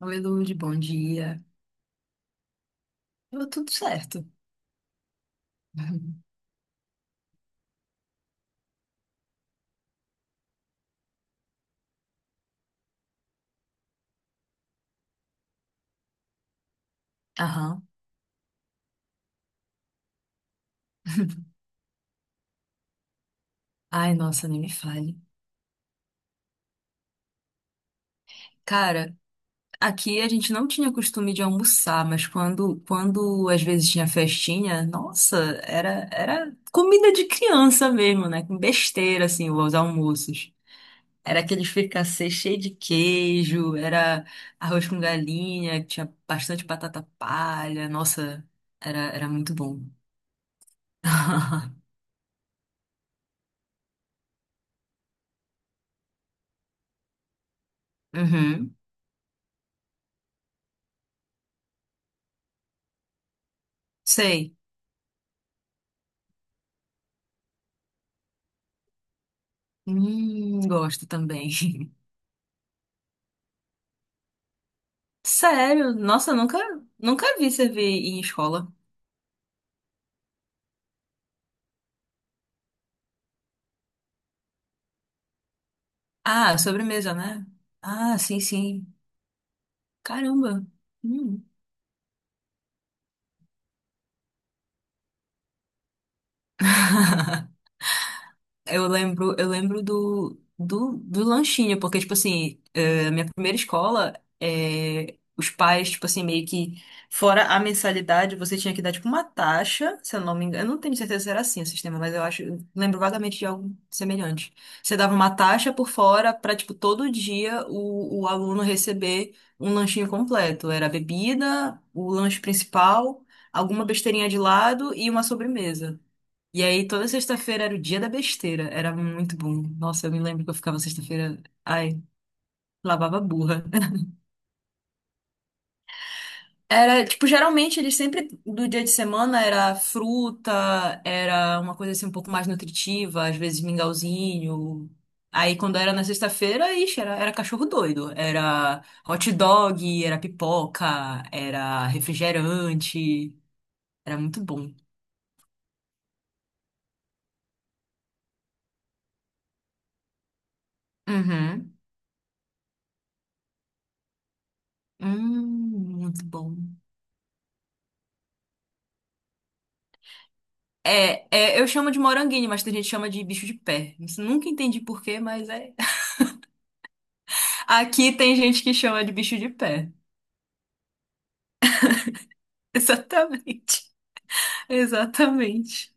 Oi, Lude, bom dia. Deu tudo certo. Aham. Ai, nossa, nem me fale. Cara, aqui a gente não tinha costume de almoçar, mas quando às vezes tinha festinha, nossa, era comida de criança mesmo, né? Com besteira, assim, os almoços. Era aquele fricassê cheio de queijo, era arroz com galinha, que tinha bastante batata palha. Nossa, era muito bom. Uhum. Sei. Gosto também. Sério? Nossa, nunca vi servir em escola. Ah, sobremesa, né? Ah, sim, sim. Caramba. Hum. Eu lembro do lanchinho, porque, tipo assim, minha primeira escola, os pais, tipo assim, fora a mensalidade, você tinha que dar, tipo, uma taxa, se eu não me engano, eu não tenho certeza se era assim o sistema, mas eu acho, eu lembro vagamente de algo semelhante. Você dava uma taxa por fora para, tipo, todo dia o aluno receber um lanchinho completo. Era a bebida, o lanche principal, alguma besteirinha de lado e uma sobremesa. E aí, toda sexta-feira era o dia da besteira. Era muito bom. Nossa, eu me lembro que eu ficava sexta-feira. Ai, lavava a burra. Era, tipo, geralmente eles sempre, do dia de semana, era fruta, era uma coisa assim um pouco mais nutritiva, às vezes mingauzinho. Aí, quando era na sexta-feira, ixi, era cachorro doido. Era hot dog, era pipoca, era refrigerante. Era muito bom. Uhum. Hum, muito bom. É, é, eu chamo de moranguinho, mas tem gente que chama de bicho de pé. Isso eu nunca entendi por quê, mas é. Aqui tem gente que chama de bicho de pé. Exatamente. Exatamente.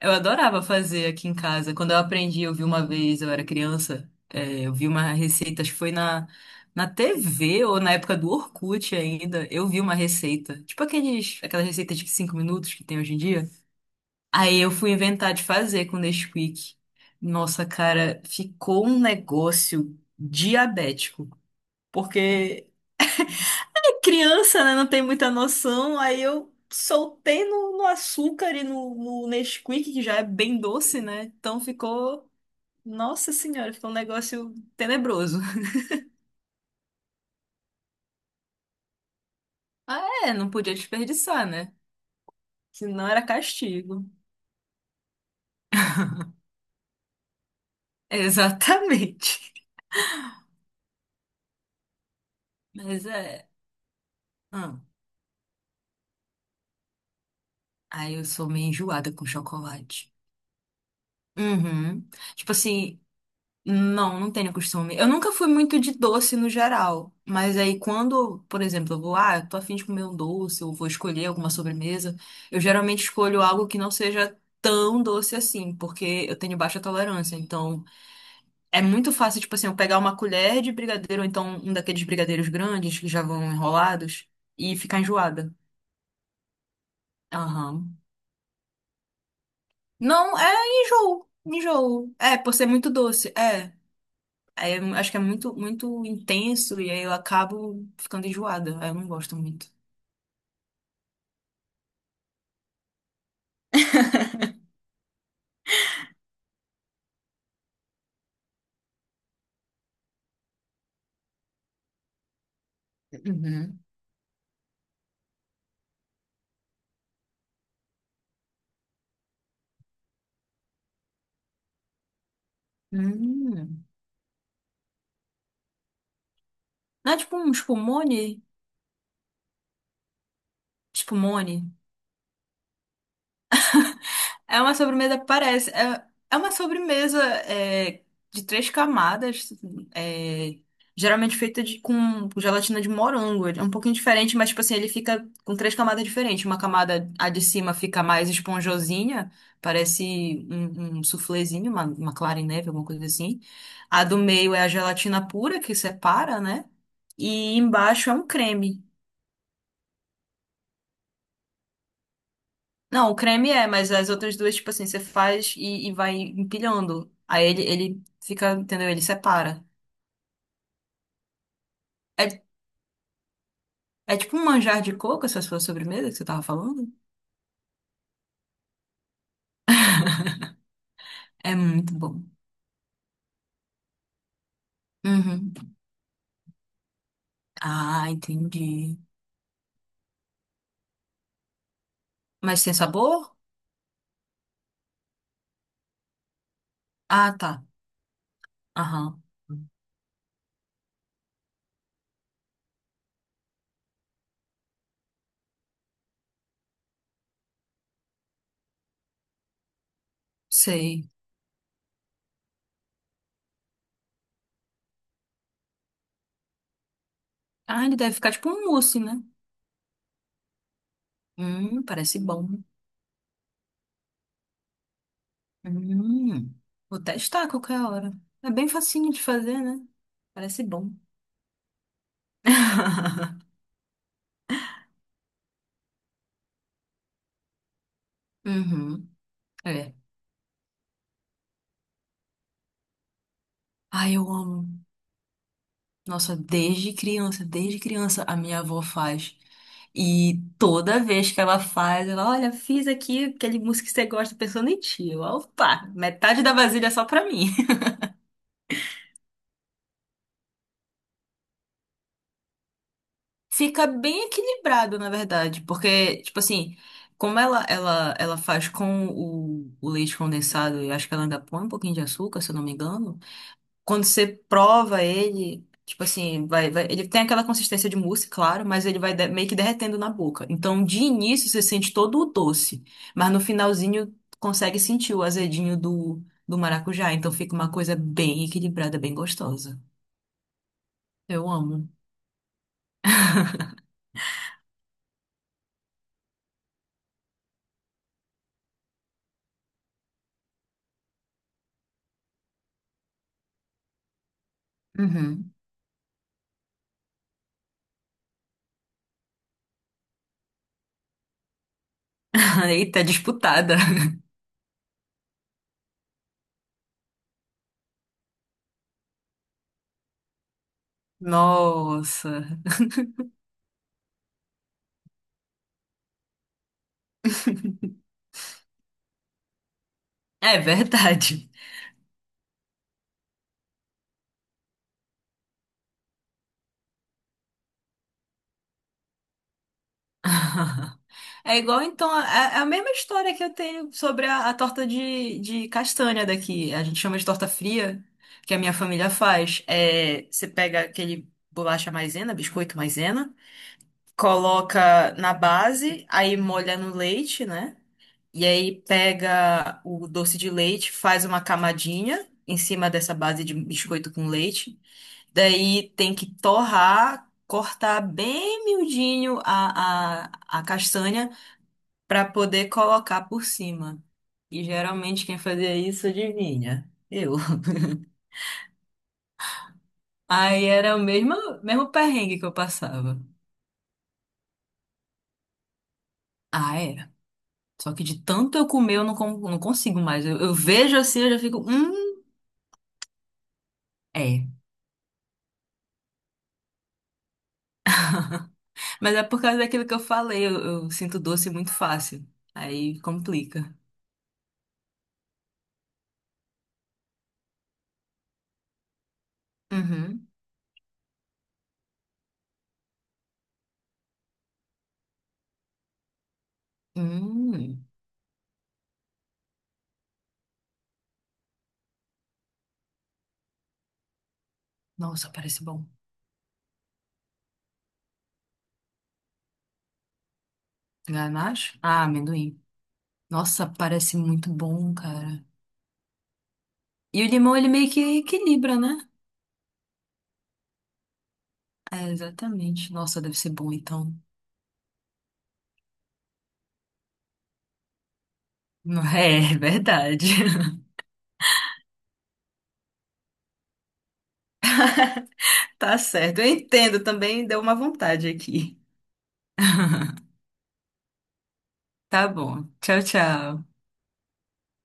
Eu adorava fazer aqui em casa. Quando eu aprendi, eu vi uma vez, eu era criança, é, eu vi uma receita, acho que foi na TV ou na época do Orkut ainda. Eu vi uma receita. Tipo aqueles, aquela receita de cinco minutos que tem hoje em dia. Aí eu fui inventar de fazer com Nesquik. Nossa, cara, ficou um negócio diabético. Porque é criança, né? Não tem muita noção. Aí eu soltei no açúcar e no Nesquik, que já é bem doce, né? Então ficou. Nossa senhora, ficou um negócio tenebroso. Ah, é, não podia desperdiçar, né? Senão era castigo. Exatamente. Mas é. Hum. Aí eu sou meio enjoada com chocolate. Uhum. Tipo assim, não tenho costume. Eu nunca fui muito de doce no geral, mas aí quando, por exemplo, eu vou, ah, eu tô a fim de comer um doce, ou vou escolher alguma sobremesa, eu geralmente escolho algo que não seja tão doce assim, porque eu tenho baixa tolerância. Então, é muito fácil, tipo assim, eu pegar uma colher de brigadeiro, ou então um daqueles brigadeiros grandes que já vão enrolados, e ficar enjoada. Aham. Não, é enjoo, enjoo. É, por ser muito doce, é. Aí eu acho que é muito intenso e aí eu acabo ficando enjoada. Aí eu não gosto muito. Uhum. Hum. Não é tipo um espumone? Espumone? É uma sobremesa, parece. É, é uma sobremesa é, de três camadas, é, geralmente feita de, com gelatina de morango. Ele é um pouquinho diferente, mas, tipo assim, ele fica com três camadas diferentes. Uma camada, a de cima, fica mais esponjosinha, parece um suflezinho, uma clara em neve, alguma coisa assim. A do meio é a gelatina pura, que separa, né? E embaixo é um creme. Não, o creme é, mas as outras duas, tipo assim, você faz e vai empilhando. Aí ele fica, entendeu? Ele separa. É, é tipo um manjar de coco, essa sua sobremesa que você tava falando? É muito bom. Uhum. Ah, entendi. Mas tem sabor? Ah, tá. Aham. Sei. Ah, ele deve ficar tipo um mousse, né? Parece bom. Hum. Vou testar a qualquer hora. É bem facinho de fazer, né? Parece bom. Uhum. É. Ai, eu amo. Nossa, desde criança a minha avó faz. E toda vez que ela faz, ela, olha, fiz aqui aquele músico que você gosta pensando em ti. Eu, opa, metade da vasilha é só pra mim. Fica bem equilibrado, na verdade, porque, tipo assim, como ela faz com o leite condensado, eu acho que ela ainda põe um pouquinho de açúcar, se eu não me engano. Quando você prova ele, tipo assim, ele tem aquela consistência de mousse, claro, mas ele meio que derretendo na boca. Então, de início, você sente todo o doce, mas no finalzinho consegue sentir o azedinho do, do maracujá. Então, fica uma coisa bem equilibrada, bem gostosa. Eu amo. Uhum. Eita, disputada. Nossa. É verdade. É igual, então, é a mesma história que eu tenho sobre a torta de castanha daqui. A gente chama de torta fria, que a minha família faz. É, você pega aquele bolacha maisena, biscoito maisena, coloca na base, aí molha no leite, né? E aí pega o doce de leite, faz uma camadinha em cima dessa base de biscoito com leite. Daí tem que torrar, cortar bem miudinho a castanha para poder colocar por cima. E geralmente quem fazia isso, adivinha? Eu. Aí era o mesmo perrengue que eu passava. Ah, era. Só que de tanto eu comer, eu não, não consigo mais. Eu vejo assim, eu já fico. É. Mas é por causa daquilo que eu falei, eu sinto doce muito fácil. Aí complica. Uhum. Hum. Nossa, parece bom. Ganache? Ah, amendoim. Nossa, parece muito bom, cara. E o limão, ele meio que equilibra, né? É, exatamente. Nossa, deve ser bom, então. É, é verdade. Tá certo. Eu entendo também, deu uma vontade aqui. Tá bom. Tchau, tchau.